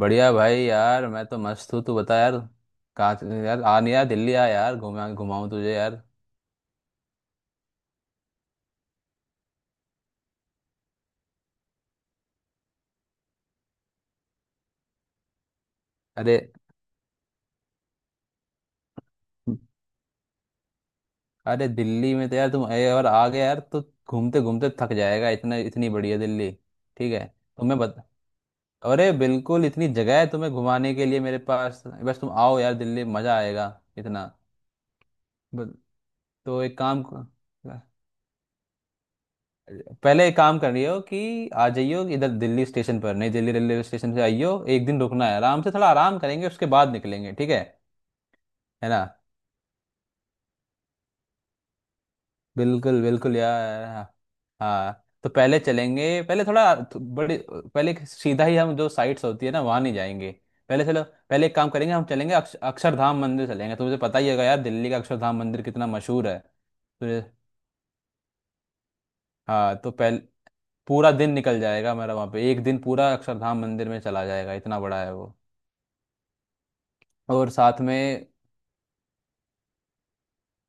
बढ़िया भाई यार। मैं तो मस्त हूँ। तू बता यार। कहाँ यार? आ नहीं यार, दिल्ली आ यार, घुमा घुमाऊँ तुझे यार। अरे अरे, दिल्ली में तो यार तुम और आ गए यार, तो घूमते घूमते थक जाएगा। इतना, इतनी बढ़िया दिल्ली। ठीक है तुम्हें बता। अरे बिल्कुल, इतनी जगह है तुम्हें घुमाने के लिए मेरे पास, बस तुम आओ यार दिल्ली, मज़ा आएगा इतना। ब- तो एक काम पहले एक काम कर रही हो कि आ जाइयो इधर दिल्ली स्टेशन पर, नई दिल्ली रेलवे स्टेशन से आइयो। एक दिन रुकना है, आराम से थोड़ा आराम करेंगे, उसके बाद निकलेंगे, ठीक है? है ना। बिल्कुल बिल्कुल यार, हाँ। हाँ। तो पहले चलेंगे, पहले थोड़ा बड़ी पहले सीधा ही हम जो साइट्स होती है ना, वहाँ नहीं जाएंगे। पहले चलो, पहले एक काम करेंगे, हम चलेंगे अक्षरधाम मंदिर चलेंगे। तुझे पता ही होगा यार दिल्ली का अक्षरधाम मंदिर कितना मशहूर है। तुझे हाँ, तो पहले पूरा दिन निकल जाएगा मेरा वहाँ पे, एक दिन पूरा अक्षरधाम मंदिर में चला जाएगा, इतना बड़ा है वो। और साथ में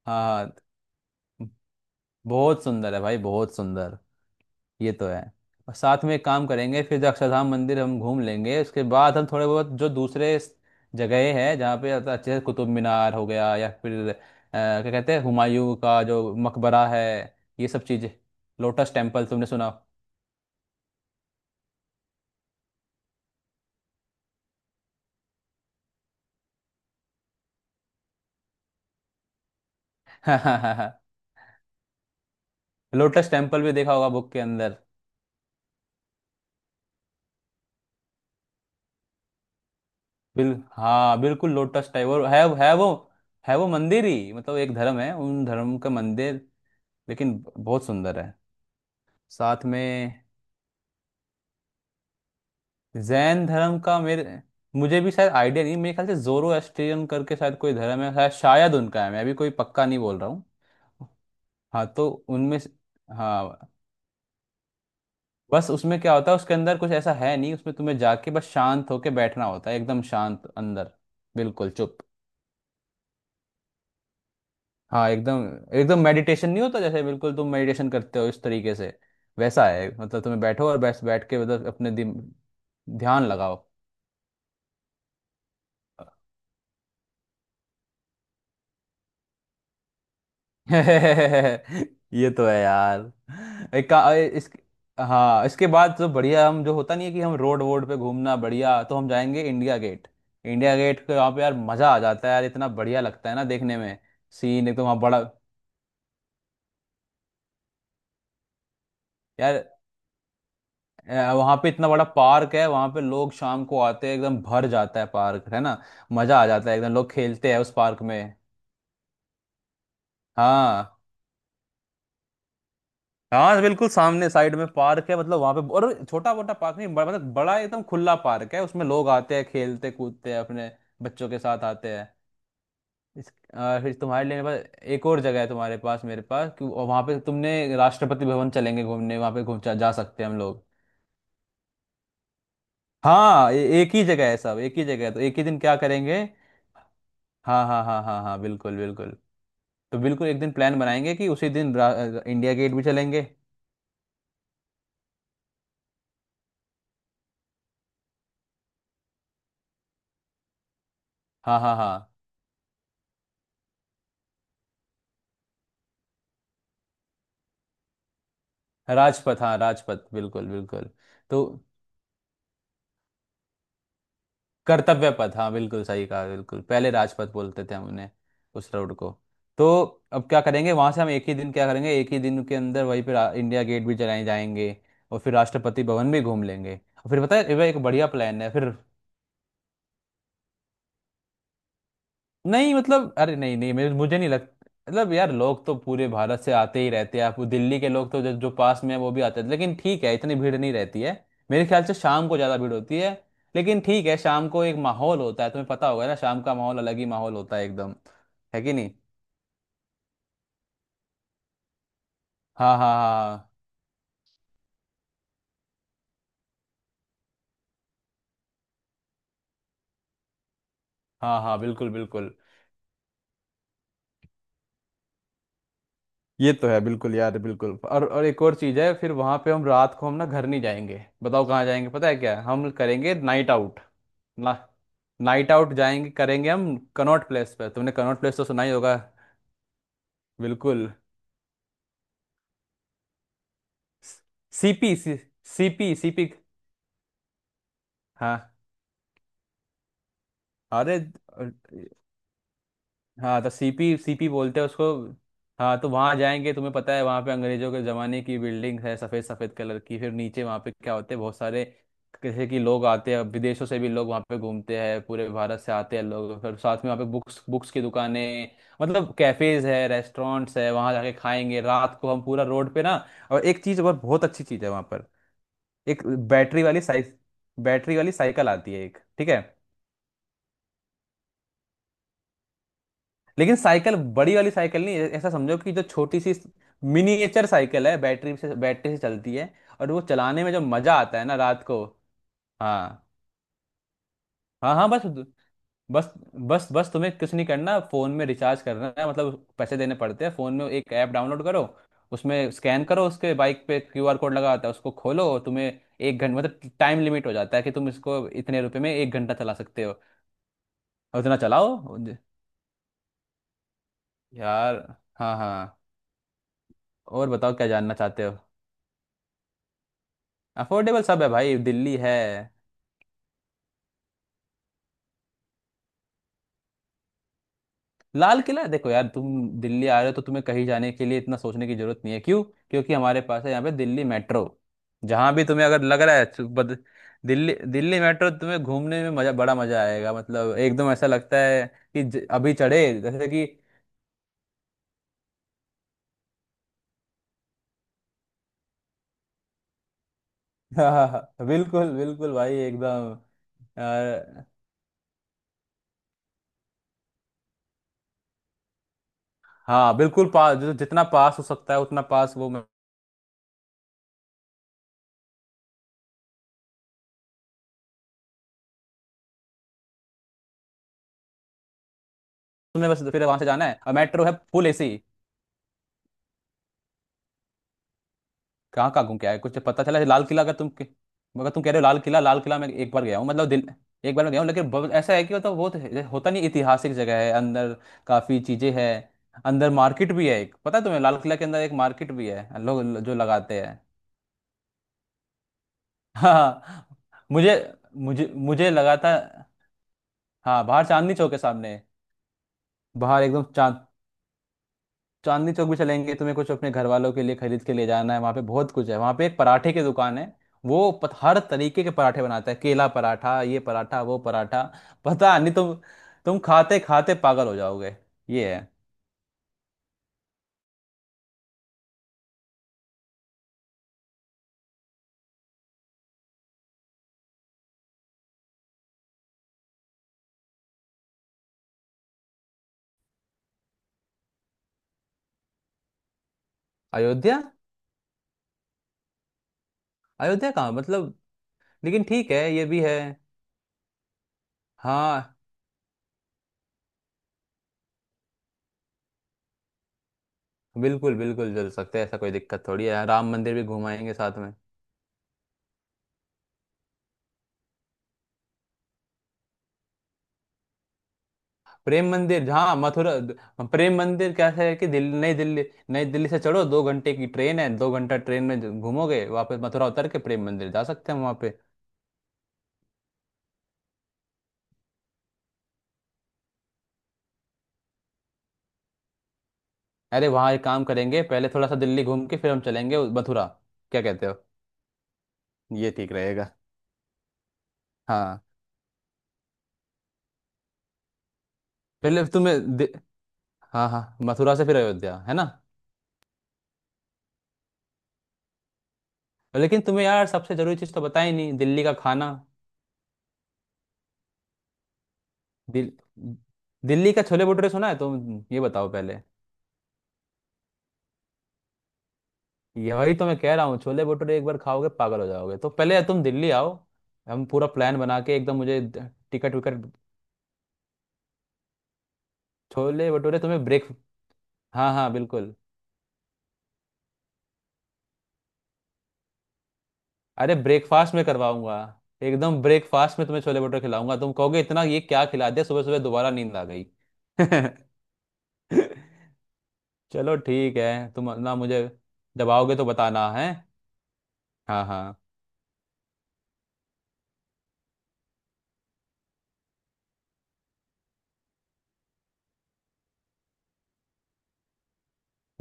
हाँ बहुत सुंदर है भाई, बहुत सुंदर। ये तो है। और साथ में एक काम करेंगे, फिर जो अक्षरधाम मंदिर हम घूम लेंगे, उसके बाद हम थोड़े बहुत जो दूसरे जगहें हैं जहाँ पे अच्छे से कुतुब मीनार हो गया, या फिर क्या कहते हैं हुमायूं का जो मकबरा है, ये सब चीज़ें। लोटस टेम्पल तुमने सुना हो? लोटस टेम्पल भी देखा होगा बुक के अंदर। बिल हाँ बिल्कुल लोटस टाइप, और है वो। है वो मंदिर ही, मतलब एक धर्म है, उन धर्म का मंदिर, लेकिन बहुत सुंदर है। साथ में जैन धर्म का मेरे मुझे भी शायद आइडिया नहीं, मेरे ख्याल से जोरोस्ट्रियन करके शायद कोई धर्म है, शायद शायद उनका है, मैं भी कोई पक्का नहीं बोल रहा हूँ। हाँ, तो हाँ बस उसमें क्या होता है, उसके अंदर कुछ ऐसा है नहीं, उसमें तुम्हें जाके बस शांत होके बैठना होता है, एकदम शांत अंदर। बिल्कुल चुप, हाँ एकदम, एकदम मेडिटेशन नहीं होता जैसे बिल्कुल तुम मेडिटेशन करते हो इस तरीके से, वैसा है। मतलब तुम्हें बैठो और बस बैठ के मतलब अपने ध्यान लगाओ। ये तो है यार। एक का ए- इस हाँ इसके बाद तो बढ़िया, हम जो होता नहीं है कि हम रोड वोड पे घूमना बढ़िया, तो हम जाएंगे इंडिया गेट। इंडिया गेट के वहाँ पे यार मजा आ जाता है यार, इतना बढ़िया लगता है ना देखने में, सीन एकदम वहाँ बड़ा यार। वहाँ पे इतना बड़ा पार्क है, वहाँ पे लोग शाम को आते हैं एकदम भर जाता है पार्क, है ना मजा आ जाता है एकदम, लोग खेलते हैं उस पार्क में। हाँ। हाँ तो बिल्कुल सामने साइड में पार्क है, मतलब वहां पे, और छोटा मोटा पार्क नहीं, बड़ा मतलब बड़ा एकदम खुला पार्क है, उसमें लोग आते हैं, खेलते कूदते हैं अपने बच्चों के साथ आते हैं। इस फिर तुम्हारे लिए मेरे पास एक और जगह है, तुम्हारे पास मेरे पास, कि वहां पे तुमने राष्ट्रपति भवन चलेंगे घूमने, वहां पे घूम जा जा सकते हैं हम लोग। हाँ एक ही जगह है सब, एक ही जगह है, तो एक ही दिन क्या करेंगे। हाँ हाँ हाँ हाँ हाँ, बिल्कुल बिल्कुल। तो बिल्कुल एक दिन प्लान बनाएंगे कि उसी दिन इंडिया गेट भी चलेंगे। हाँ हाँ हाँ, राजपथ, हाँ राजपथ, बिल्कुल बिल्कुल। तो कर्तव्य पथ, हाँ बिल्कुल सही कहा, बिल्कुल पहले राजपथ बोलते थे हम उन्हें, उस रोड को। तो अब क्या करेंगे वहां से, हम एक ही दिन क्या करेंगे, एक ही दिन के अंदर वहीं पे इंडिया गेट भी चलाए जाएंगे, और फिर राष्ट्रपति भवन भी घूम लेंगे, और फिर पता है ये एक बढ़िया प्लान है फिर। नहीं मतलब, अरे नहीं नहीं, मेरे मुझे नहीं लगता, मतलब यार लोग तो पूरे भारत से आते ही रहते हैं, आप दिल्ली के लोग तो जो पास में है वो भी आते हैं, लेकिन ठीक है इतनी भीड़ नहीं रहती है, मेरे ख्याल से शाम को ज़्यादा भीड़ होती है, लेकिन ठीक है शाम को एक माहौल होता है, तुम्हें पता होगा ना शाम का माहौल अलग ही माहौल होता है एकदम। है कि नहीं, हाँ हाँ हाँ हाँ हाँ, बिल्कुल बिल्कुल, ये तो है बिल्कुल यार बिल्कुल, और एक और चीज़ है, फिर वहाँ पे हम रात को हम ना घर नहीं जाएंगे, बताओ कहाँ जाएंगे, पता है क्या हम करेंगे? नाइट आउट ना, नाइट आउट जाएंगे करेंगे हम कनॉट प्लेस पे, तुमने कनॉट प्लेस तो सुना ही होगा, बिल्कुल, सीपी सीपी सीपी, हाँ अरे हाँ, तो सीपी सीपी बोलते हैं उसको। हाँ तो वहाँ जाएंगे, तुम्हें पता है वहाँ पे अंग्रेजों के ज़माने की बिल्डिंग है, सफ़ेद सफ़ेद कलर की, फिर नीचे वहाँ पे क्या होते हैं बहुत सारे, जैसे कि लोग आते हैं विदेशों से भी, लोग वहाँ पे घूमते हैं पूरे भारत से आते हैं लोग, फिर साथ में वहाँ पे बुक्स बुक्स की दुकानें, मतलब कैफ़ेज है, रेस्टोरेंट्स है, वहाँ जाके खाएंगे रात को हम पूरा रोड पे ना, और एक चीज़ और बहुत अच्छी चीज़ है वहाँ पर। एक बैटरी वाली साइक बैटरी वाली साइकिल आती है एक, ठीक है, लेकिन साइकिल बड़ी वाली साइकिल नहीं, ऐसा समझो कि जो छोटी सी मिनिएचर साइकिल है, बैटरी से चलती है, और वो चलाने में जो मजा आता है ना रात को। हाँ हाँ हाँ, बस बस बस बस तुम्हें कुछ नहीं करना, फोन में रिचार्ज करना है, मतलब पैसे देने पड़ते हैं, फोन में एक ऐप डाउनलोड करो, उसमें स्कैन करो, उसके बाइक पे क्यूआर कोड लगा होता है, उसको खोलो, और तुम्हें एक घंटा मतलब टाइम लिमिट हो जाता है कि तुम इसको इतने रुपए में एक घंटा चला सकते हो, और उतना चलाओ यार। हाँ हाँ, और बताओ क्या जानना चाहते हो? अफोर्डेबल सब है भाई, दिल्ली है। लाल किला देखो यार, तुम दिल्ली आ रहे हो तो तुम्हें कहीं जाने के लिए इतना सोचने की जरूरत नहीं है, क्यों? क्योंकि हमारे पास है यहाँ पे दिल्ली मेट्रो, जहाँ भी तुम्हें अगर लग रहा है तो दिल्ली दिल्ली मेट्रो तुम्हें घूमने में मजा, बड़ा मजा आएगा, मतलब एकदम ऐसा लगता है कि अभी चढ़े जैसे कि। बिल्कुल बिल्कुल भाई एकदम। अ, हाँ बिल्कुल पास, जो जितना पास हो सकता है उतना पास वो, तुम्हें बस फिर वहां से जाना है, और मेट्रो है फुल एसी। कहाँ कहाँ घूम के आए कुछ तो पता चला है? लाल किला अगर तुम कह रहे हो लाल किला, लाल किला मैं एक बार गया हूँ, मतलब दिल एक बार मैं गया हूँ, लेकिन ऐसा है कि मतलब होता नहीं, ऐतिहासिक जगह है अंदर, काफी चीजें हैं अंदर, मार्केट भी है एक, पता है तुम्हें लाल किला के अंदर एक मार्केट भी है, लोग जो लगाते हैं। हाँ मुझे, मुझे लगा था, हाँ बाहर चांदनी चौक के सामने, बाहर एकदम चांद चांदनी चौक भी चलेंगे, तुम्हें कुछ अपने घर वालों के लिए खरीद के ले जाना है, वहाँ पे बहुत कुछ है, वहाँ पे एक पराठे की दुकान है, हर तरीके के पराठे बनाता है, केला पराठा, ये पराठा, वो पराठा, पता नहीं तुम, तुम खाते खाते पागल हो जाओगे, ये है। अयोध्या, अयोध्या कहाँ मतलब, लेकिन ठीक है ये भी है, हाँ बिल्कुल बिल्कुल चल सकते हैं, ऐसा कोई दिक्कत थोड़ी है, राम मंदिर भी घुमाएंगे साथ में। प्रेम मंदिर जहाँ मथुरा, प्रेम मंदिर कैसा है कि दिल्ली, नई दिल्ली, नई दिल्ली से चढ़ो, दो घंटे की ट्रेन है, दो घंटा ट्रेन में घूमोगे, वापस मथुरा उतर के प्रेम मंदिर जा सकते हैं वहाँ पे। अरे वहाँ एक काम करेंगे, पहले थोड़ा सा दिल्ली घूम के फिर हम चलेंगे मथुरा, क्या कहते हो, ये ठीक रहेगा, हाँ। पहले तुम्हें हाँ हाँ, मथुरा से फिर अयोध्या है ना। लेकिन तुम्हें यार सबसे जरूरी चीज़ तो बताई नहीं, दिल्ली का खाना, दिल... दिल्ली का छोले भटूरे सुना है, तुम ये बताओ पहले। यही तो मैं कह रहा हूँ, छोले भटूरे एक बार खाओगे पागल हो जाओगे, तो पहले तुम दिल्ली आओ, हम पूरा प्लान बना के एकदम मुझे टिकट विकट। छोले भटूरे तुम्हें ब्रेक हाँ हाँ बिल्कुल, अरे ब्रेकफास्ट में करवाऊंगा, एकदम ब्रेकफास्ट में तुम्हें छोले भटूरे खिलाऊंगा, तुम कहोगे इतना ये क्या खिला दिया सुबह सुबह, दोबारा नींद आ गई। चलो ठीक है, तुम ना मुझे जब आओगे तो बताना है, हाँ हाँ,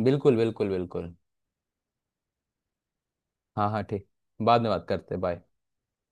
बिल्कुल बिल्कुल बिल्कुल, हाँ हाँ ठीक, बाद में बात करते बाय।